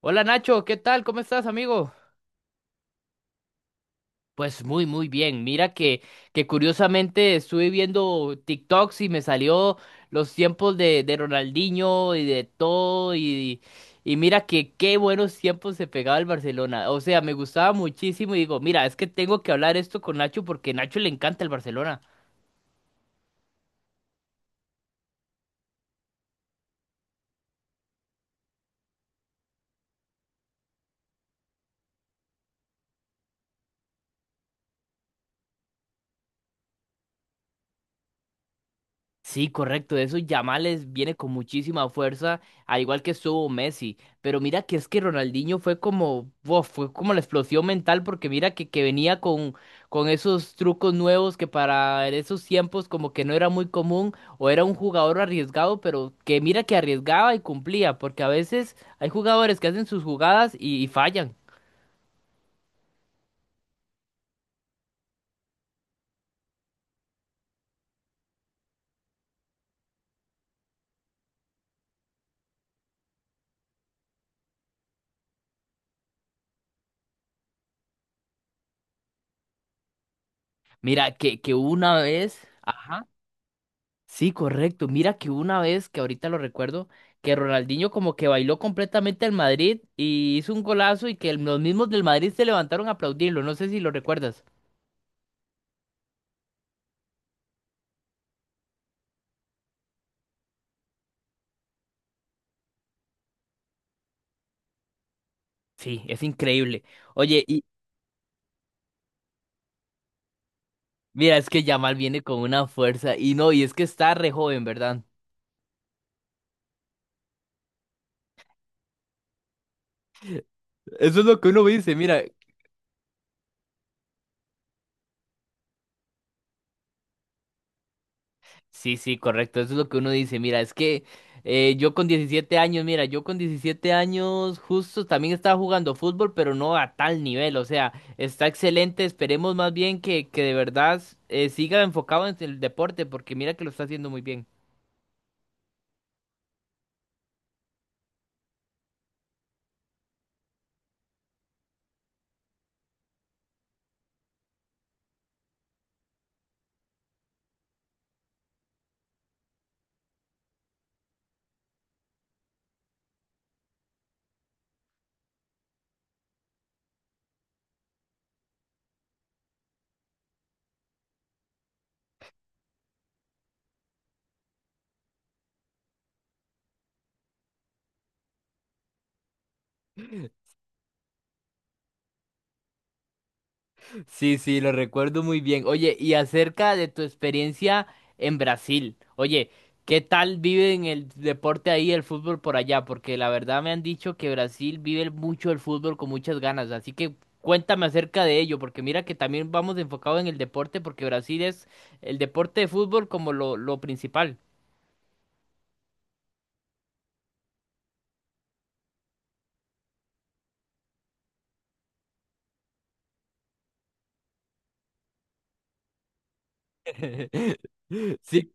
Hola Nacho, ¿qué tal? ¿Cómo estás, amigo? Pues muy, muy bien. Mira que curiosamente estuve viendo TikToks y me salió los tiempos de Ronaldinho y de todo y mira que qué buenos tiempos se pegaba el Barcelona. O sea, me gustaba muchísimo y digo, mira, es que tengo que hablar esto con Nacho porque a Nacho le encanta el Barcelona. Sí, correcto. De esos Yamales viene con muchísima fuerza, al igual que estuvo Messi. Pero mira que es que Ronaldinho fue como, wow, fue como la explosión mental, porque mira que venía con esos trucos nuevos que para esos tiempos como que no era muy común, o era un jugador arriesgado, pero que mira que arriesgaba y cumplía, porque a veces hay jugadores que hacen sus jugadas y fallan. Mira que una vez. Ajá. Sí, correcto. Mira que hubo una vez, que ahorita lo recuerdo, que Ronaldinho como que bailó completamente al Madrid y hizo un golazo y que los mismos del Madrid se levantaron a aplaudirlo. No sé si lo recuerdas. Sí, es increíble. Oye, y mira, es que Yamal viene con una fuerza y no, y es que está re joven, ¿verdad? Eso es lo que uno dice, mira. Sí, sí, correcto. Eso es lo que uno dice. Mira, es que yo con 17 años, mira, yo con 17 años justo también estaba jugando fútbol, pero no a tal nivel. O sea, está excelente. Esperemos más bien que de verdad siga enfocado en el deporte, porque mira que lo está haciendo muy bien. Sí, sí, lo recuerdo muy bien. Oye, y acerca de tu experiencia en Brasil, oye, ¿qué tal viven el deporte ahí, el fútbol por allá? Porque la verdad me han dicho que Brasil vive mucho el fútbol con muchas ganas, así que cuéntame acerca de ello, porque mira que también vamos enfocados en el deporte, porque Brasil es el deporte de fútbol como lo principal. Sí,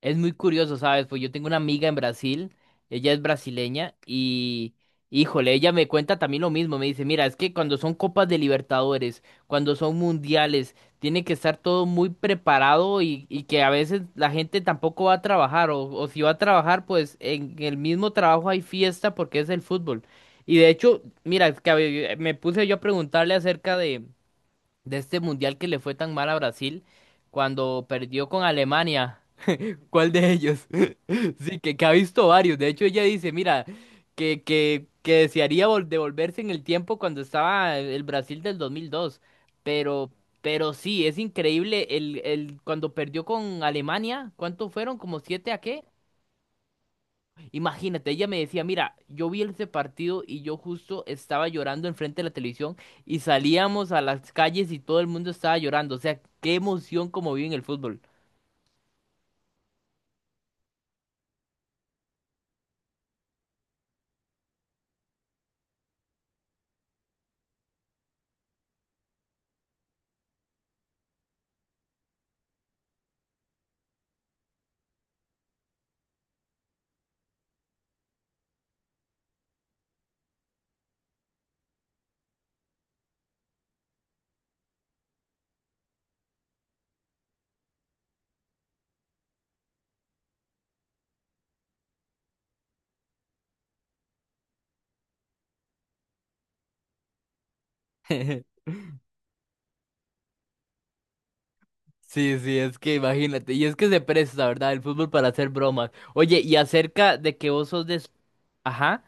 es muy curioso, ¿sabes? Pues yo tengo una amiga en Brasil, ella es brasileña y, híjole, ella me cuenta también lo mismo, me dice, mira, es que cuando son copas de Libertadores, cuando son mundiales, tiene que estar todo muy preparado y que a veces la gente tampoco va a trabajar o si va a trabajar, pues en el mismo trabajo hay fiesta porque es el fútbol. Y de hecho, mira, es que me puse yo a preguntarle acerca de este mundial que le fue tan mal a Brasil cuando perdió con Alemania. ¿Cuál de ellos? Sí, que ha visto varios. De hecho, ella dice, mira, que desearía devolverse en el tiempo cuando estaba el Brasil del 2002. Pero, pero sí, es increíble cuando perdió con Alemania, ¿cuántos fueron? ¿Como siete a qué? Imagínate, ella me decía, mira, yo vi ese partido y yo justo estaba llorando enfrente de la televisión y salíamos a las calles y todo el mundo estaba llorando. O sea, qué emoción como viven el fútbol. Sí, sí, es que imagínate, y es que se presta, ¿verdad? El fútbol para hacer bromas. Oye, y acerca de que vos sos de... Es- Ajá,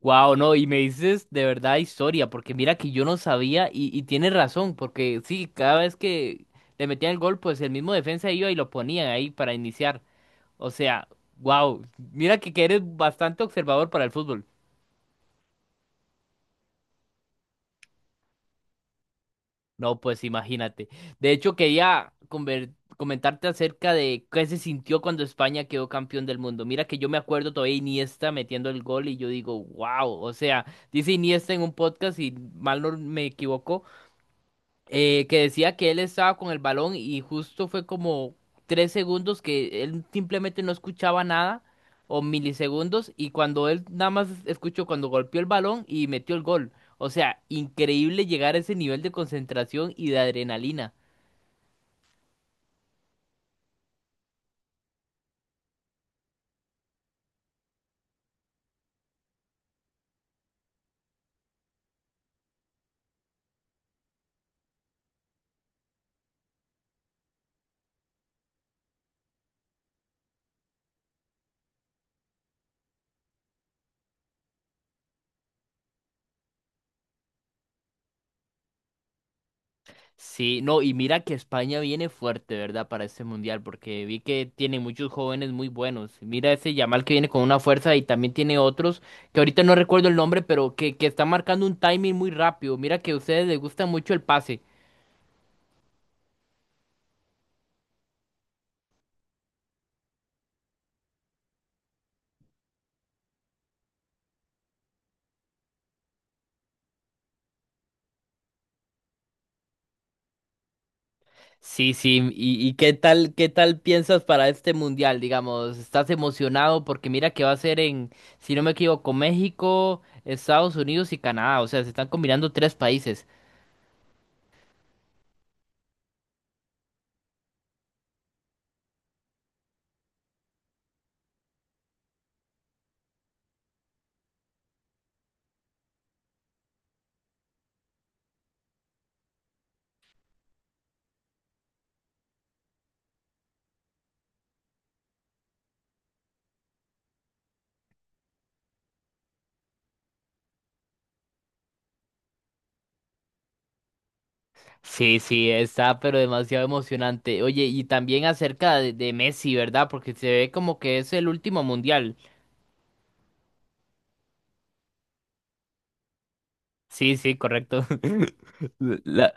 wow, no, y me dices de verdad historia, porque mira que yo no sabía y tienes razón, porque sí, cada vez que le metían el gol, pues el mismo defensa iba y lo ponían ahí para iniciar. O sea, wow, mira que eres bastante observador para el fútbol. No, pues imagínate. De hecho, quería comentarte acerca de qué se sintió cuando España quedó campeón del mundo. Mira que yo me acuerdo todavía Iniesta metiendo el gol y yo digo, wow, o sea, dice Iniesta en un podcast y mal no me equivoco, que decía que él estaba con el balón y justo fue como 3 segundos que él simplemente no escuchaba nada o milisegundos y cuando él nada más escuchó cuando golpeó el balón y metió el gol. O sea, increíble llegar a ese nivel de concentración y de adrenalina. Sí, no, y mira que España viene fuerte, ¿verdad? Para este mundial, porque vi que tiene muchos jóvenes muy buenos. Mira ese Yamal que viene con una fuerza y también tiene otros, que ahorita no recuerdo el nombre, pero que está marcando un timing muy rápido. Mira que a ustedes les gusta mucho el pase. Sí, sí, y qué tal piensas para este mundial, digamos, estás emocionado porque mira que va a ser en, si no me equivoco, México, Estados Unidos y Canadá, o sea, se están combinando 3 países. Sí, sí, está, pero demasiado emocionante. Oye, y también acerca de Messi, ¿verdad? Porque se ve como que es el último mundial. Sí, sí, correcto. La-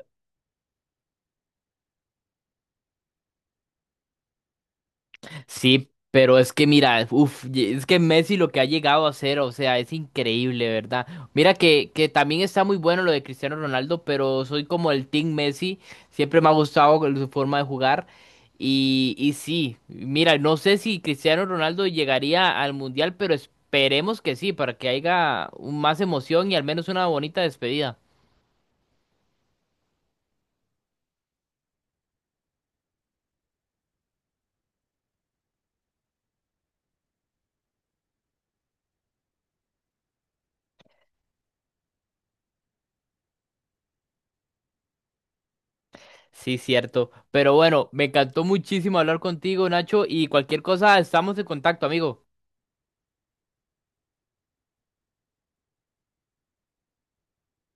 Sí, pero es que mira, uf, y- es que Messi lo que ha llegado a hacer, o sea, es increíble, ¿verdad? Mira que también está muy bueno lo de Cristiano Ronaldo, pero soy como el Team Messi, siempre me ha gustado con su forma de jugar. Y sí, mira, no sé si Cristiano Ronaldo llegaría al Mundial, pero esperemos que sí, para que haya un- más emoción y al menos una bonita despedida. Sí, cierto. Pero bueno, me encantó muchísimo hablar contigo, Nacho, y cualquier cosa, estamos en contacto, amigo.